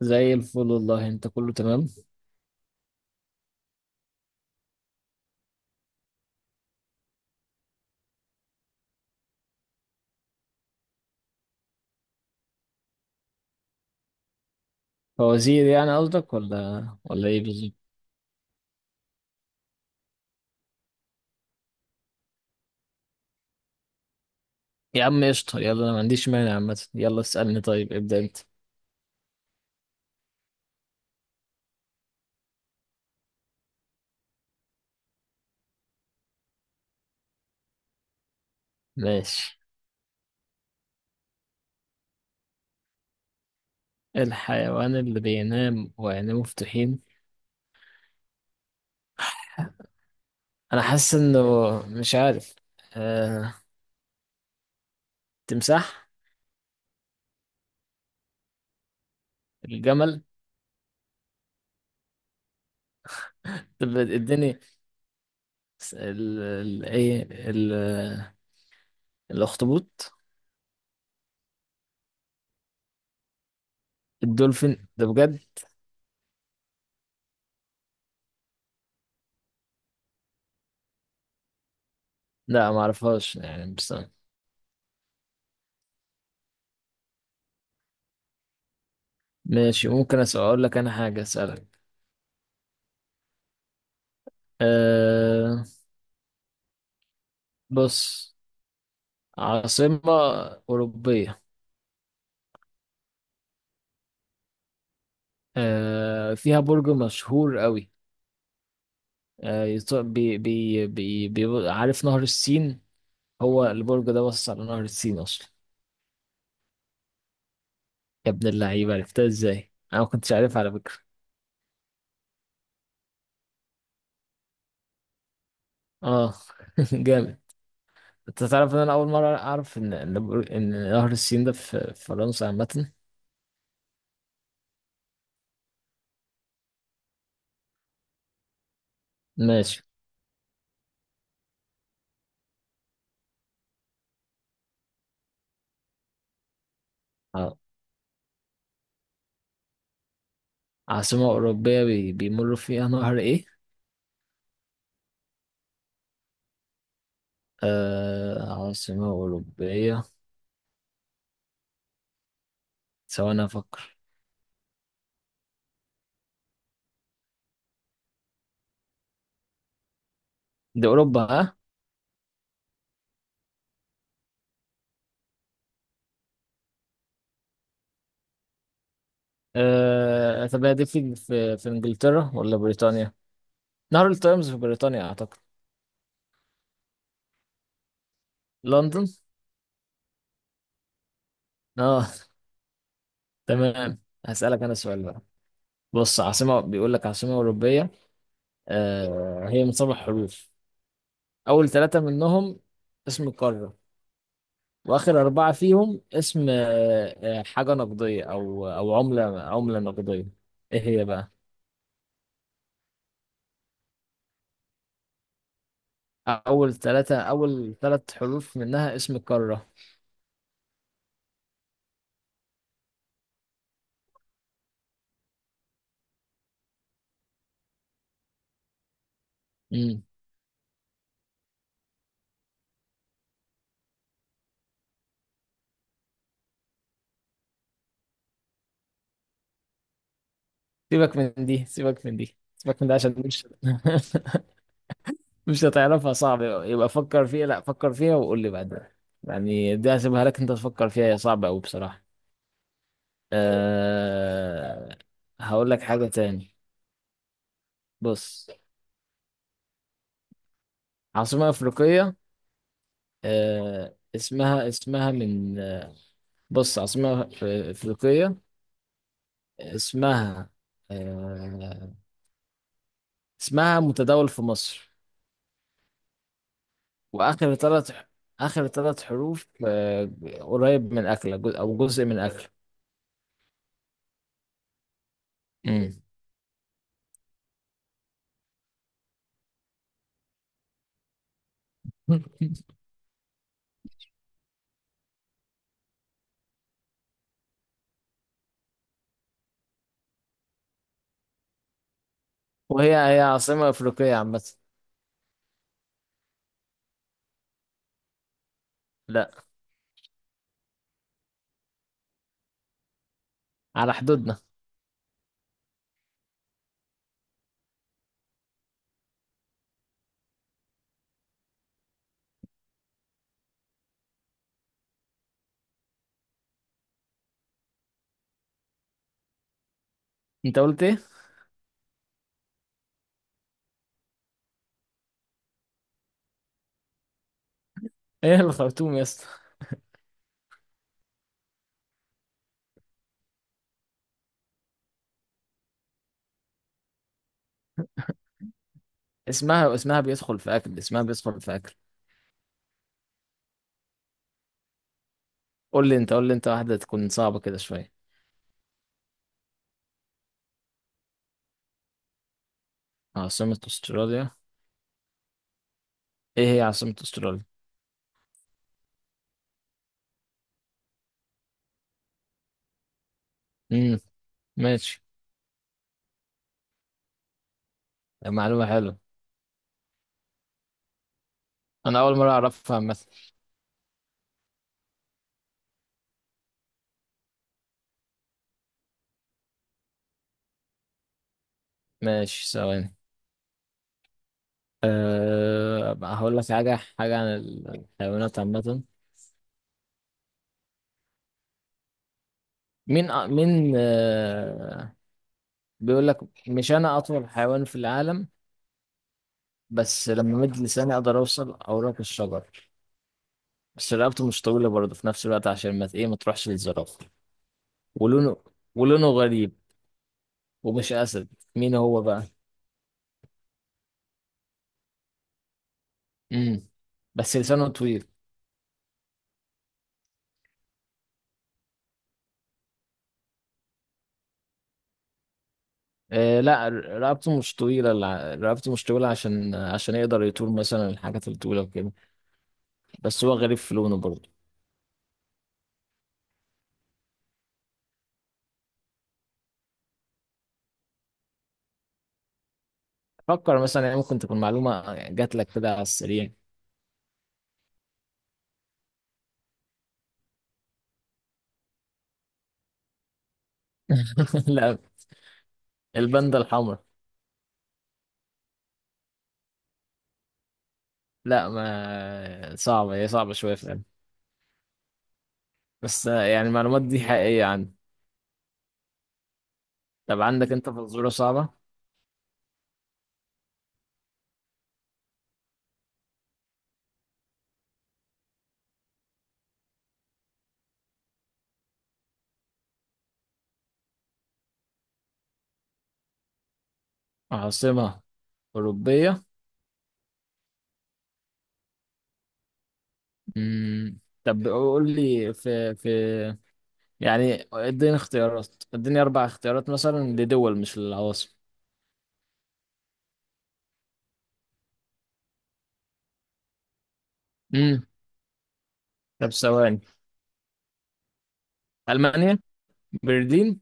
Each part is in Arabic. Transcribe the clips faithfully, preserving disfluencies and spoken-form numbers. زي الفل والله. انت كله تمام؟ فوزير يعني قصدك، ولا ولا ايه بالظبط؟ يا عم قشطة. يلا انا ما عنديش مانع عامة. يلا اسألني. طيب ابدأ انت. ماشي. الحيوان اللي بينام وعينيه مفتوحين؟ انا حاسس انه، مش عارف. آه... تمساح. الجمل. طب اديني، س- ال... ال... ايه ال... الاخطبوط. الدولفين ده بجد؟ لا، ما اعرفهاش يعني، بس. ماشي. ممكن اسأل اقول لك انا حاجة اسألك. آه، بص. عاصمة أوروبية. آه فيها برج مشهور قوي. آه يط- بي بي بي بي عارف نهر السين؟ هو البرج ده باصص على نهر السين أصلا. يا ابن اللعيبة، عرفتها ازاي؟ أنا ما كنتش عارف على فكرة. اه. جامد. انت تعرف ان انا اول مرة اعرف ان ان بر- إن نهر السين ده في في فرنسا عامة. ماشي. ع- عاصمة أوروبية بي بيمر فيها نهر ايه؟ آه عاصمة أوروبية. ثواني أفكر. دي أوروبا، ها؟ آه، طب هي دي في في في انجلترا ولا بريطانيا؟ نهر التايمز في بريطانيا اعتقد. لندن. اه. تمام. هسألك انا سؤال بقى. بص، عاصمة، بيقول لك عاصمة أوروبية. آه هي من سبع حروف. أول ثلاثة منهم اسم قارة. وآخر أربعة فيهم اسم، آه آه، حاجة نقدية، أو أو عملة عملة نقدية. إيه هي بقى؟ أول ثلاثة أول ثلاث حروف منها اسم قارة. امم. سيبك من دي، سيبك من دي، سيبك من ده عشان مش، مش هتعرفها، صعب، يبقى فكر فيها. لا، فكر فيها وقول لي بعدين. يعني دي هسيبها لك انت تفكر فيها، هي صعبة أوي بصراحة. أه... هقول لك حاجة تاني. بص. عاصمة أفريقية. أه... اسمها اسمها من آه، بص، عاصمة أف- أفريقية. اسمها أه... اسمها متداول في مصر. وآخر ثلاث آخر ثلاث حروف، أه... قريب من أكلة، جزء، أو جزء من أكلة. مم. وهي هي عاصمة أفريقية عامة. لا. على حدودنا. انت قلت ايه؟ ايه الخرطوم يا اسطى؟ اسمها اسمها بيدخل في اكل، اسمها بيدخل في اكل. قول لي انت، قول لي انت واحده تكون صعبه كده شويه. عاصمه استراليا؟ ايه هي عاصمه استراليا؟ امم. ماشي. معلومه حلوه. انا اول مره اعرفها عامه. ماشي، ثواني. أه بقى هقول لك حاجه حاجه عن الحيوانات عامه. مين أ- مين أه بيقول لك، مش انا اطول حيوان في العالم. بس لما مد لساني اقدر اوصل اوراق الشجر. بس رقبته مش طويلة برضه في نفس الوقت عشان ما ايه ما تروحش للزرافة. ولونه ولونه غريب. ومش أسد. مين هو بقى؟ امم. بس لسانه طويل. آه لا، ر- رقبته مش طويلة الع- رقبته مش طويلة عشان عشان يقدر يطول مثلا الحاجات الطويلة وكده. بس هو غريب في لونه برضه. فكر مثلا، يعني ممكن تكون معلومة جات لك كده على السريع. لا. الباندا الحمراء. لا، ما صعبة، هي صعبة شوية فعلا. بس آه، يعني المعلومات دي حقيقية عندي. طب عندك انت فزورة صعبة؟ عاصمة أوروبية. مم. طب قول لي، في في. يعني اديني اختيارات اديني أربع اختيارات مثلا لدول، مش للعواصم. مم. طب ثواني. ألمانيا. برلين.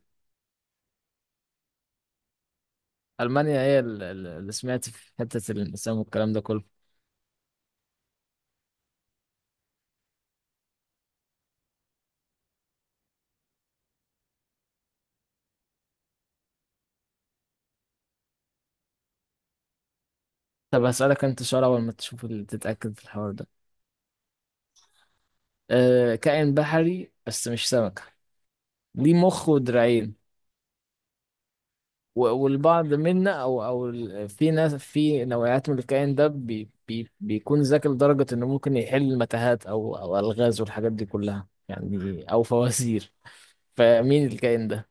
ألمانيا هي ال- ال- اللي سمعت في حتة الانقسام والكلام ده كله. طب هسألك أنت سؤال. أول ما تشوف اللي تتأكد في الحوار ده. أه كائن بحري بس مش سمكة. ليه مخ ودراعين. و- والبعض منا، او او ال- في ناس في نوعيات من الكائن ده، بي بي بيكون ذكي لدرجة انه ممكن يحل متاهات او او الغاز والحاجات دي كلها، يعني او فوازير. فمين الكائن ده؟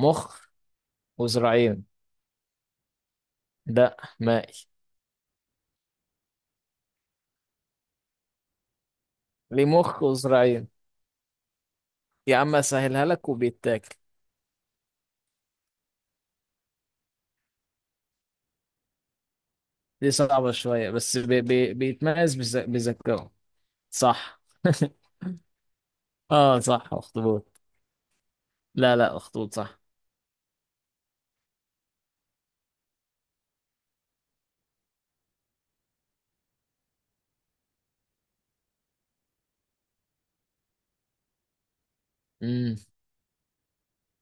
مخ. وذراعين. ده مائي. ليه مخ وذراعين. يا عم اسهلها لك وبيتاكل. دي صعبة شوية بس بي بي بيتميز بذ- بذكائه. صح. اه، صح، اخطبوط. لا، لا، اخطبوط صح.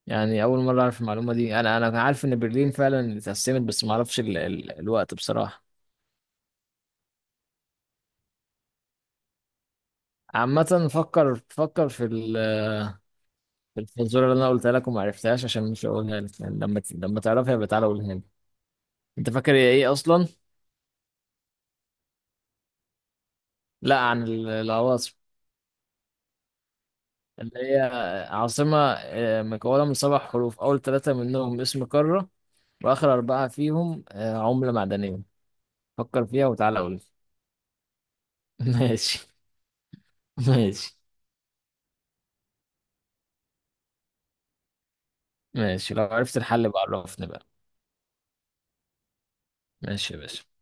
يعني اول مره اعرف المعلومه دي. انا انا عارف ان برلين فعلا اتقسمت بس ما اعرفش ال... ال... الوقت بصراحه. عامه، فكر فكر في ال... في الفزوره اللي انا قلتها لك وما عرفتهاش، عشان مش هقولها لك يعني لما ت... لما تعرفها يبقى تعالى قولها لي. انت فاكر هي ايه اصلا؟ لا، عن ال- العواصم اللي هي عاصمه آه، مكونه من سبع حروف، اول ثلاثه منهم اسم قاره. واخر اربعه فيهم آه، عمله معدنيه. فكر فيها وتعالى قول لي. ماشي. ماشي. ماشي لو عرفت الحل بعرفني بقى. ماشي يا باشا.